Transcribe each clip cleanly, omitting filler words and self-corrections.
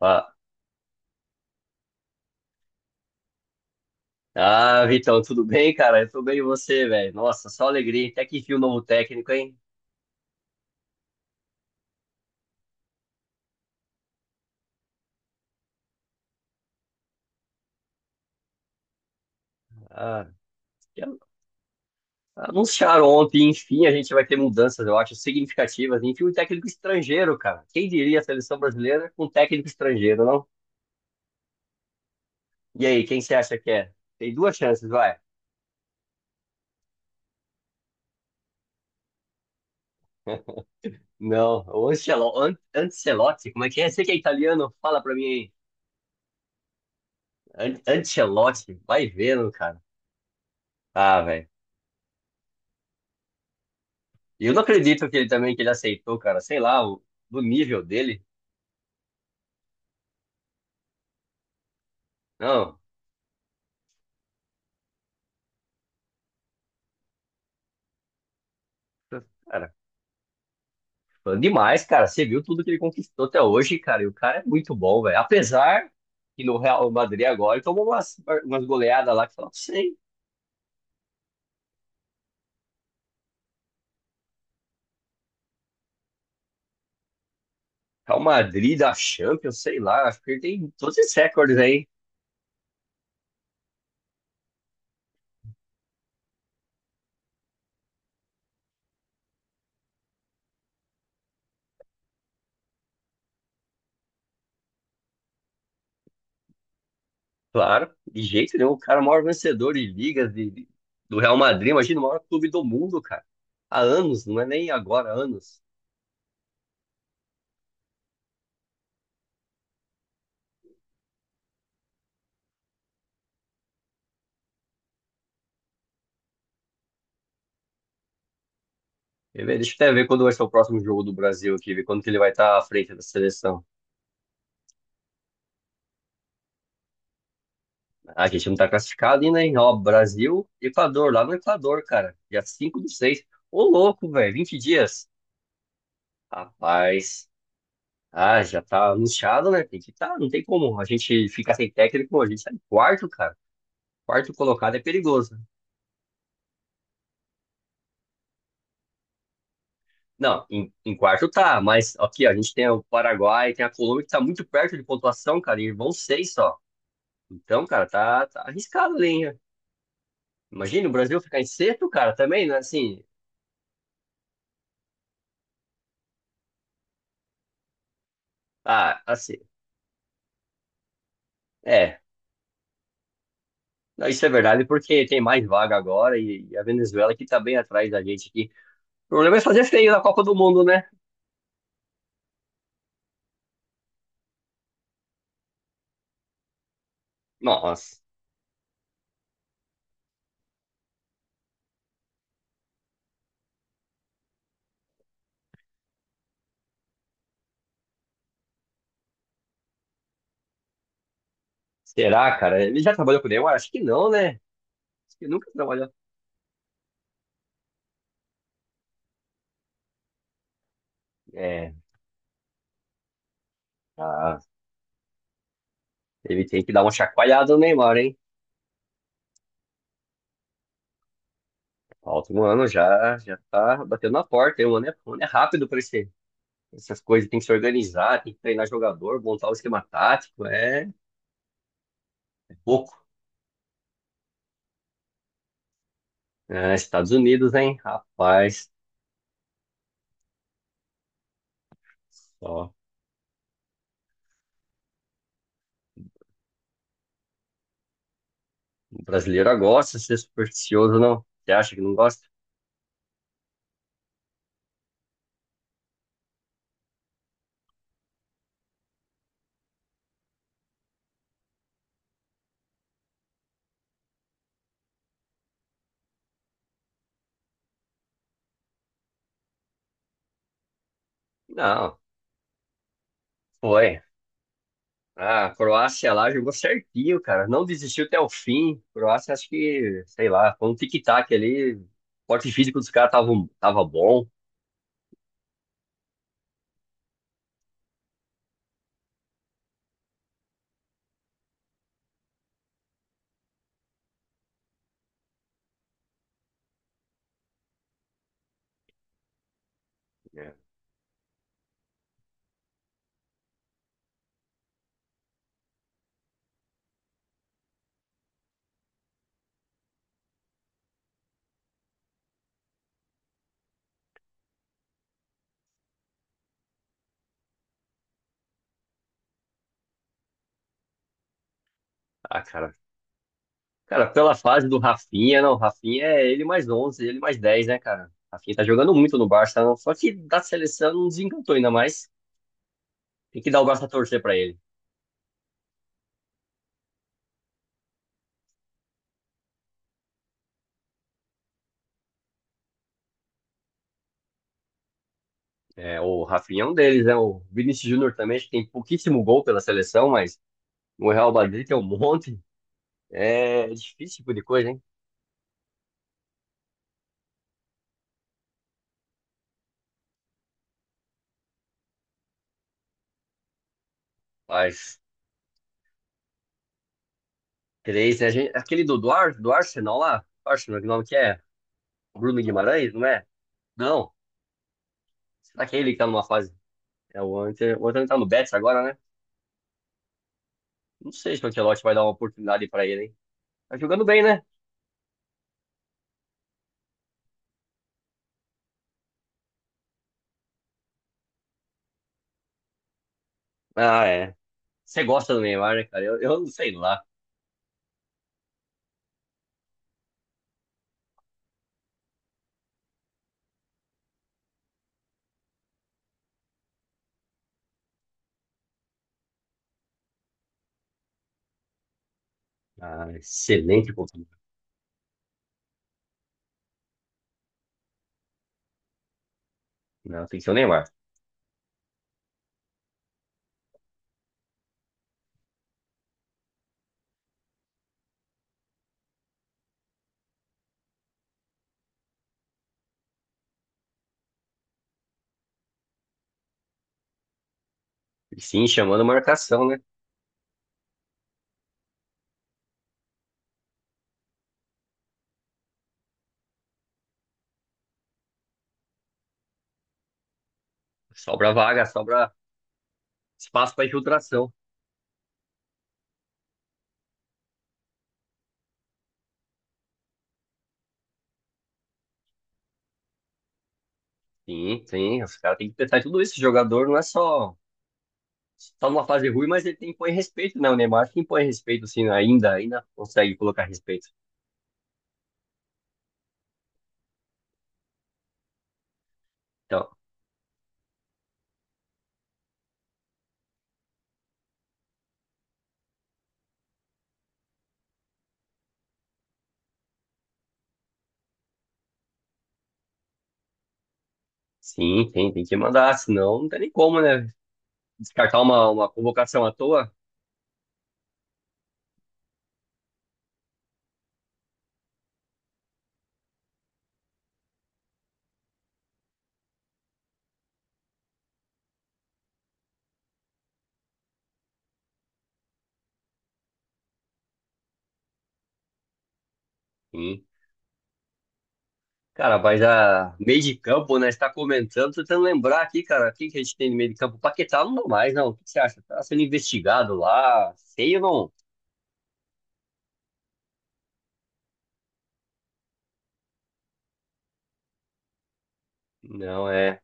Ah, ah, Vitão, tudo bem, cara? Eu tô bem e você, velho? Nossa, só alegria. Até que enfim o novo técnico, hein? Ah, já anunciaram ontem, enfim, a gente vai ter mudanças, eu acho, significativas. Enfim, um técnico estrangeiro, cara. Quem diria a seleção brasileira com um técnico estrangeiro, não? E aí, quem você acha que é? Tem duas chances, vai. Não, o Ancelotti, como é que é? Você que é italiano, fala pra mim aí. Ancelotti, vai vendo, cara. Ah, velho. E eu não acredito que ele também, que ele aceitou, cara. Sei lá, do nível dele. Não, cara, fã demais, cara. Você viu tudo que ele conquistou até hoje, cara. E o cara é muito bom, velho. Apesar que no Real Madrid agora ele tomou umas goleadas lá que fala, sei, Real Madrid da Champions, sei lá. Acho que ele tem todos esses recordes aí. Claro, de jeito nenhum. O cara é o maior vencedor de ligas do Real Madrid. Imagina o maior clube do mundo, cara. Há anos, não é nem agora, há anos. Quer ver? Deixa eu até ver quando vai ser o próximo jogo do Brasil aqui, ver quando que ele vai estar à frente da seleção. A gente não tá classificado ainda, hein? Ó, Brasil, Equador, lá no Equador, cara. Dia 5 do 6. Ô, louco, velho, 20 dias. Rapaz. Ah, já tá anunciado, né? Tem que tá, não tem como. A gente ficar sem técnico, a gente tá em quarto, cara. Quarto colocado é perigoso. Não, em quarto tá, mas aqui, ó, a gente tem o Paraguai, tem a Colômbia que tá muito perto de pontuação, cara, e vão seis só. Então, cara, tá, tá arriscado ali, hein? Imagina o Brasil ficar em sexto, cara, também, né? Assim, ah, assim. É, não, isso é verdade, porque tem mais vaga agora e a Venezuela que tá bem atrás da gente aqui. O problema é fazer feio na Copa do Mundo, né? Nossa, será, cara? Ele já trabalhou com o Neymar? Acho que não, né? Acho que nunca trabalhou. É, tá. Ele tem que dar uma chacoalhada no Neymar, hein? Falta um ano já, já tá batendo na porta, hein? Um ano é rápido pra essas coisas. Tem que se organizar, tem que treinar jogador, montar o esquema tático. É, é pouco. É, Estados Unidos, hein? Rapaz, só. O brasileiro gosta de ser supersticioso, não? Você acha que não gosta? Não, foi. Ah, a Croácia lá jogou certinho, cara. Não desistiu até o fim. A Croácia, acho que, sei lá, foi um tic-tac ali. O porte físico dos caras tava bom. É. Ah, cara. Cara, pela fase do Rafinha, não. Rafinha é ele mais 11, ele mais 10, né, cara? Rafinha tá jogando muito no Barça, não. Só que da seleção não desencantou ainda mais. Tem que dar o braço a torcer pra ele. É, o Rafinha é um deles, né? O Vinícius Júnior também, acho que tem pouquíssimo gol pela seleção, mas o Real Madrid tem um monte. É difícil esse tipo de coisa, hein? Mas três, né? A gente- aquele do Arsenal lá. Arsenal, que nome que é? Bruno Guimarães, não é? Não. Será que é ele que tá numa fase? É o Inter. O Inter tá no Betis agora, né? Não sei se o Ancelotti vai dar uma oportunidade pra ele, hein? Tá jogando bem, né? Ah, é. Você gosta do Neymar, né, cara? Eu não sei lá. Ah, excelente oportunidade. Não, tem que ser o Neymar. E sim, chamando marcação, né? Sobra vaga, sobra espaço pra infiltração. Sim, sim, os caras têm que pensar em tudo isso. O jogador não é só numa fase ruim, mas ele tem que pôr respeito, né? O Neymar que impõe respeito, assim, ainda, ainda consegue colocar respeito. Então, sim, tem que mandar, senão não tem nem como, né? Descartar uma convocação à toa. Sim. Cara, mas a meio de campo, né? Você tá comentando, tô tentando lembrar aqui, cara, quem que a gente tem no meio de campo? Paquetá não dá mais, não. O que você acha? Tá sendo investigado lá, sei ou não? Não, é.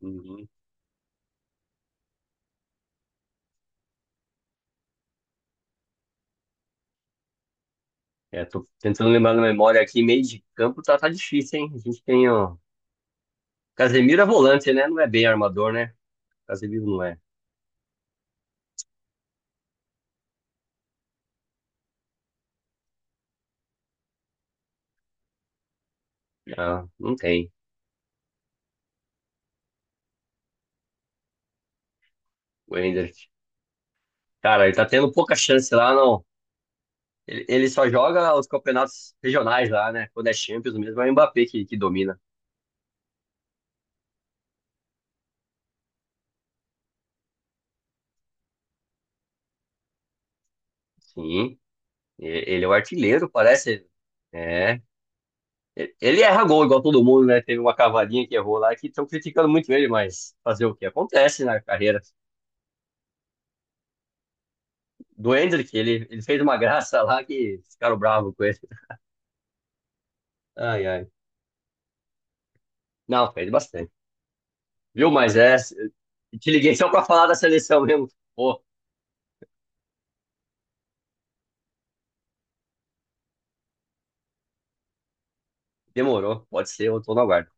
Uhum. É, tô tentando lembrar na memória aqui, meio de campo tá, tá difícil, hein? A gente tem ó, Casemiro é volante, né? Não é bem armador, né? Casemiro não é. Ah, não tem. O Ender. Cara, ele tá tendo pouca chance lá, não. Ele só joga os campeonatos regionais lá, né? Quando é Champions mesmo, é o Mbappé que domina. Sim, e- ele é o artilheiro, parece. É. Ele erra gol igual todo mundo, né? Teve uma cavadinha que errou lá que estão criticando muito ele, mas fazer o que acontece na carreira. Do Hendrick, ele fez uma graça lá que ficaram bravos com ele. Ai, ai. Não, fez bastante. Viu, mas é. Te liguei só pra falar da seleção mesmo. Pô, demorou. Pode ser, eu tô na guarda.